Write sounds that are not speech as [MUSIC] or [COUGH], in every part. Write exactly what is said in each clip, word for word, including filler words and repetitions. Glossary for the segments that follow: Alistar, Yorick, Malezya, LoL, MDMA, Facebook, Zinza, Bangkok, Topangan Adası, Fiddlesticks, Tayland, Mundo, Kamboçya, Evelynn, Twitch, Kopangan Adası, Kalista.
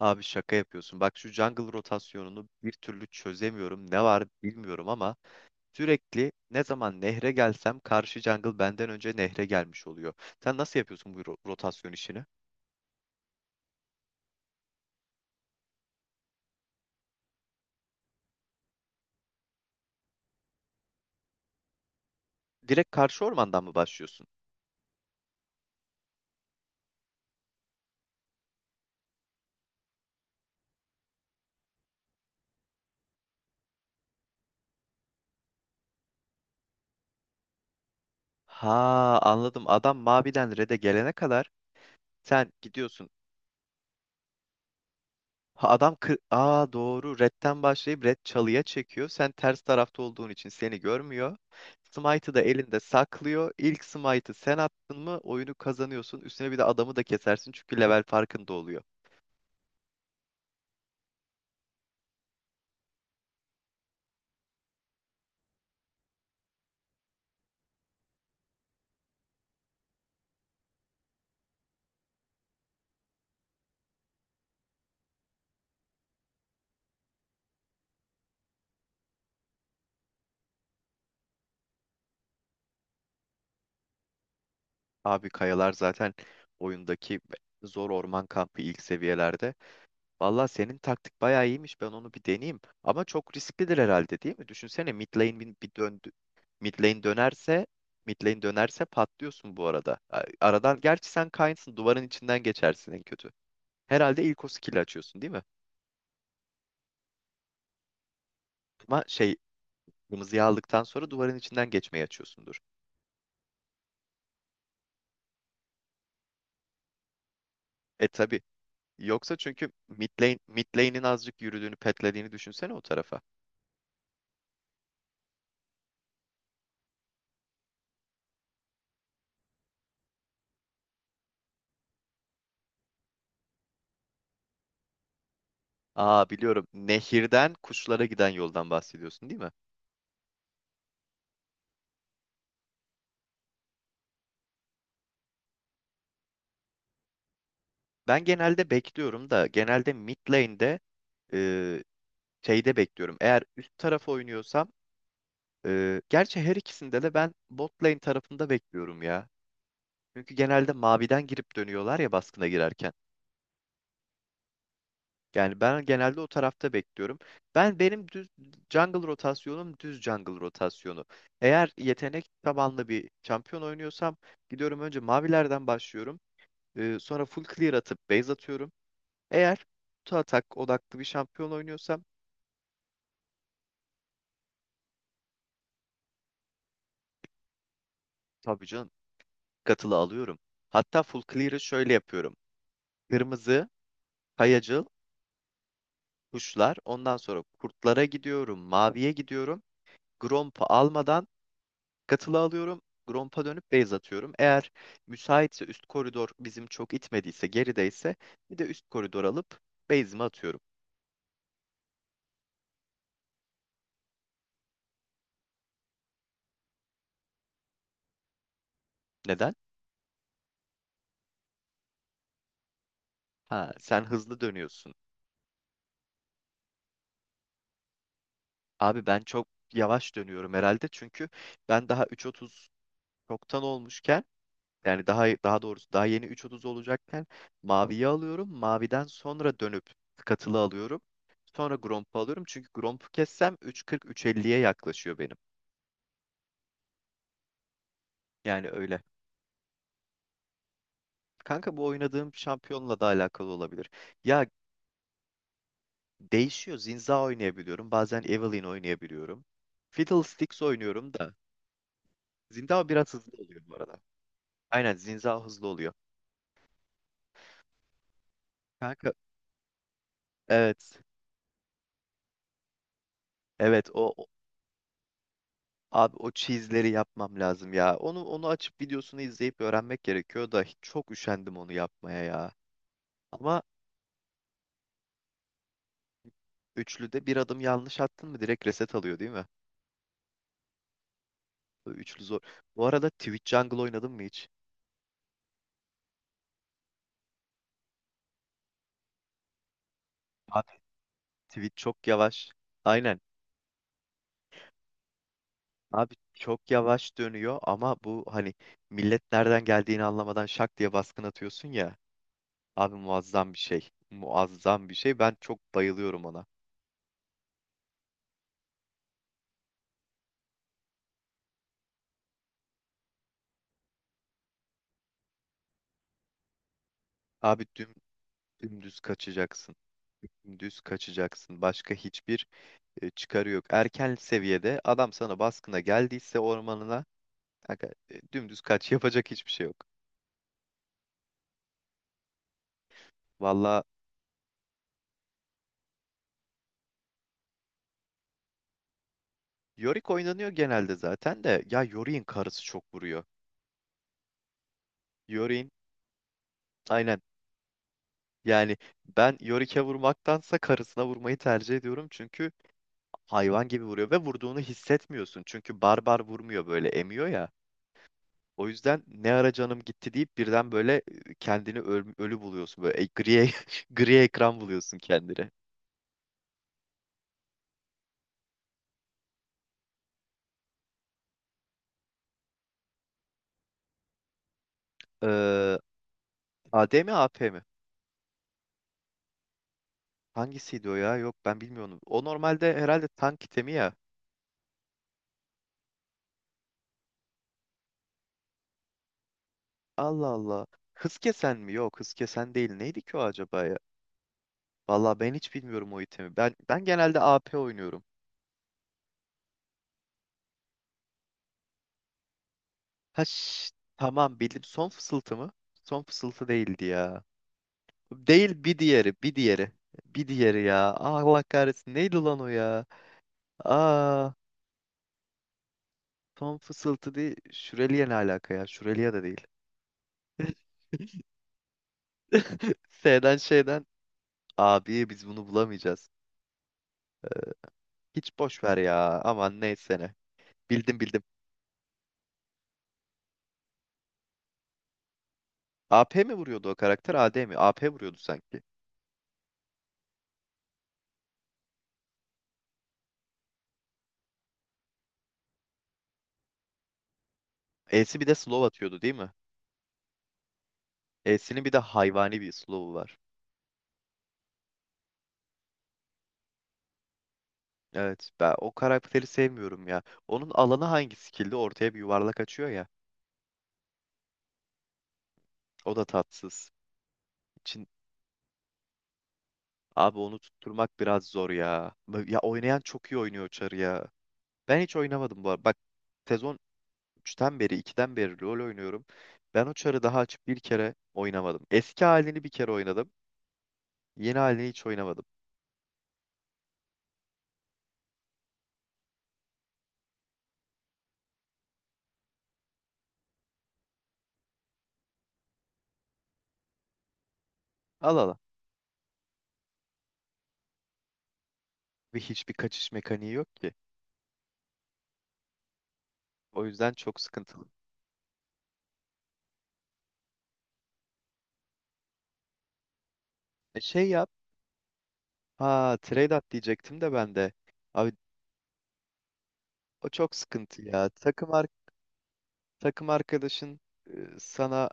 Abi şaka yapıyorsun. Bak şu jungle rotasyonunu bir türlü çözemiyorum. Ne var bilmiyorum ama sürekli ne zaman nehre gelsem karşı jungle benden önce nehre gelmiş oluyor. Sen nasıl yapıyorsun bu ro- rotasyon işini? Direkt karşı ormandan mı başlıyorsun? Ha, anladım. Adam maviden red'e gelene kadar sen gidiyorsun. Ha, adam kır... Aa, doğru. Red'den başlayıp Red çalıya çekiyor. Sen ters tarafta olduğun için seni görmüyor. Smite'ı da elinde saklıyor. İlk Smite'ı sen attın mı oyunu kazanıyorsun. Üstüne bir de adamı da kesersin çünkü level farkında oluyor. Abi kayalar zaten oyundaki zor orman kampı ilk seviyelerde. Valla senin taktik bayağı iyiymiş. Ben onu bir deneyeyim. Ama çok risklidir herhalde değil mi? Düşünsene mid lane bir, bir döndü. Mid lane dönerse mid lane dönerse patlıyorsun bu arada. A- Aradan gerçi sen Kaynsın, duvarın içinden geçersin en kötü. Herhalde ilk o skill'i açıyorsun değil mi? Ama şey, kırmızıyı aldıktan sonra duvarın içinden geçmeyi açıyorsundur. E tabi. Yoksa çünkü mid lane, mid lane'in azıcık yürüdüğünü petlediğini düşünsene o tarafa. Aa, biliyorum. Nehirden kuşlara giden yoldan bahsediyorsun değil mi? Ben genelde bekliyorum da genelde mid lane'de, e, şeyde bekliyorum. Eğer üst tarafı oynuyorsam, e, gerçi her ikisinde de ben bot lane tarafında bekliyorum ya. Çünkü genelde maviden girip dönüyorlar ya baskına girerken. Yani ben genelde o tarafta bekliyorum. Ben benim düz jungle rotasyonum düz jungle rotasyonu. Eğer yetenek tabanlı bir şampiyon oynuyorsam gidiyorum, önce mavilerden başlıyorum. E, sonra full clear atıp base atıyorum. Eğer kutu atak odaklı bir şampiyon oynuyorsam, tabii canım, katılı alıyorum. Hatta full clear'ı şöyle yapıyorum. Kırmızı, kayacıl, kuşlar. Ondan sonra kurtlara gidiyorum. Maviye gidiyorum. Grompa almadan katılı alıyorum. Grompa dönüp base atıyorum. Eğer müsaitse, üst koridor bizim çok itmediyse, gerideyse, bir de üst koridor alıp base'imi atıyorum. Neden? Ha, sen hızlı dönüyorsun. Abi ben çok yavaş dönüyorum herhalde çünkü ben daha üç otuz çoktan olmuşken. Yani daha daha doğrusu daha yeni üç otuz olacakken maviyi alıyorum. Maviden sonra dönüp katılı alıyorum. Sonra Gromp'u alıyorum. Çünkü Gromp'u kessem üç kırk üç elliye yaklaşıyor benim. Yani öyle. Kanka bu oynadığım şampiyonla da alakalı olabilir. Ya, değişiyor. Zinza oynayabiliyorum. Bazen Evelynn oynayabiliyorum. Fiddlesticks oynuyorum da. Zinza biraz hızlı oluyor bu arada. Aynen, Zinza hızlı oluyor. Kanka evet. Evet, o abi o cheese'leri yapmam lazım ya. Onu onu açıp videosunu izleyip öğrenmek gerekiyor da hiç- çok üşendim onu yapmaya ya. Ama üçlüde bir adım yanlış attın mı direkt reset alıyor değil mi? Bu üçlü zor. Bu arada Twitch Jungle oynadın mı hiç? Abi Twitch çok yavaş. Aynen. Abi çok yavaş dönüyor ama bu hani millet nereden geldiğini anlamadan şak diye baskın atıyorsun ya. Abi muazzam bir şey. Muazzam bir şey. Ben çok bayılıyorum ona. Abi dün dümdüz kaçacaksın. Dümdüz kaçacaksın. Başka hiçbir, e, çıkarı yok. Erken seviyede adam sana baskına geldiyse ormanına, aga, e, dümdüz kaç, [LAUGHS] yapacak hiçbir şey yok. Valla Yorick oynanıyor genelde zaten de ya Yorick'in karısı çok vuruyor. Yorick'in, aynen, yani ben Yorick'e vurmaktansa karısına vurmayı tercih ediyorum çünkü hayvan gibi vuruyor ve vurduğunu hissetmiyorsun. Çünkü barbar vurmuyor, böyle emiyor ya. O yüzden ne ara canım gitti deyip birden böyle kendini öl- ölü buluyorsun. Böyle e- gri, [LAUGHS] gri ekran buluyorsun kendine. Ee, A D mi A P mi? Hangisiydi o ya? Yok ben bilmiyorum. O normalde herhalde tank itemi ya. Allah Allah. Hız kesen mi? Yok, hız kesen değil. Neydi ki o acaba ya? Vallahi ben hiç bilmiyorum o itemi. Ben ben genelde A P oynuyorum. Ha şş, tamam bildim. Son fısıltı mı? Son fısıltı değildi ya. Değil, bir diğeri, bir diğeri. Bir diğeri ya. Allah kahretsin. Neydi lan o ya? Aa, Tom fısıltı değil. Şüreliye ne alaka ya? Şüreliye de değil. [LAUGHS] S'den şeyden. Abi biz bunu bulamayacağız. Hiç boş ver ya. Aman neyse ne. Bildim bildim. A P mi vuruyordu o karakter? A D mi? A P vuruyordu sanki. E'si bir de slow atıyordu değil mi? E'sinin bir de hayvani bir slow'u var. Evet, ben o karakteri sevmiyorum ya. Onun alanı hangi skill'de? Ortaya bir yuvarlak açıyor ya. O da tatsız. İçin... Abi onu tutturmak biraz zor ya. Ya oynayan çok iyi oynuyor Çar'ı ya. Ben hiç oynamadım bu arada. Bak sezon üçten beri, ikiden beri LoL oynuyorum. Ben o çarı daha açıp bir kere oynamadım. Eski halini bir kere oynadım. Yeni halini hiç oynamadım. Al al. Al. Ve hiçbir kaçış mekaniği yok ki. O yüzden çok sıkıntılı. E şey yap. Ha, trade at diyecektim de ben de. Abi o çok sıkıntı ya. Takım ar- takım arkadaşın, e, sana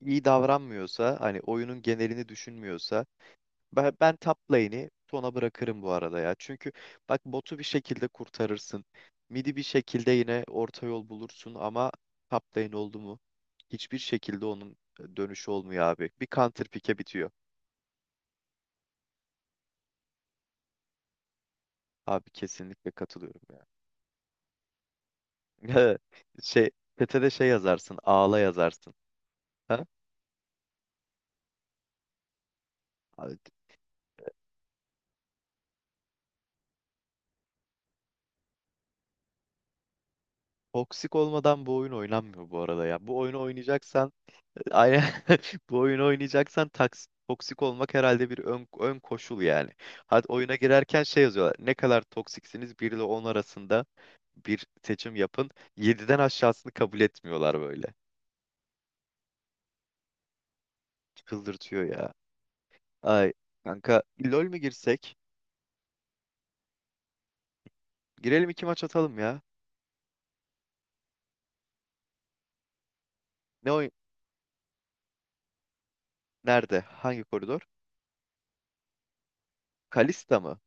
iyi davranmıyorsa, hani oyunun genelini düşünmüyorsa, Ben, ben top lane'i Tona bırakırım bu arada ya. Çünkü bak botu bir şekilde kurtarırsın. Midi bir şekilde yine orta yol bulursun ama top lane oldu mu hiçbir şekilde onun, e, dönüşü olmuyor abi. Bir counter pick'e bitiyor. Abi kesinlikle katılıyorum ya. [LAUGHS] Şey, chat'e şey yazarsın, ağla yazarsın. Ha? Abi, toksik olmadan bu oyun oynanmıyor bu arada ya. Bu oyunu oynayacaksan aynen, [LAUGHS] bu oyunu oynayacaksan taks- toksik olmak herhalde bir ön, ön koşul yani. Hadi oyuna girerken şey yazıyorlar. Ne kadar toksiksiniz bir ile on arasında bir seçim yapın. Yediden aşağısını kabul etmiyorlar böyle. Çıldırtıyor ya. Ay kanka, LoL mü girsek? Girelim, iki maç atalım ya. Ne oyun? Nerede? Hangi koridor? Kalista mı?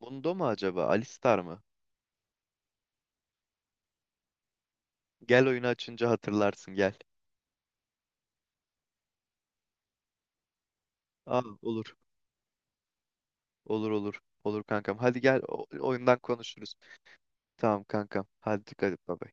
Mundo mu acaba? Alistar mı? Gel, oyunu açınca hatırlarsın, gel. Aa, olur. Olur olur. Olur kankam. Hadi gel, o- oyundan konuşuruz. Tamam kankam. Hadi dikkat et baba.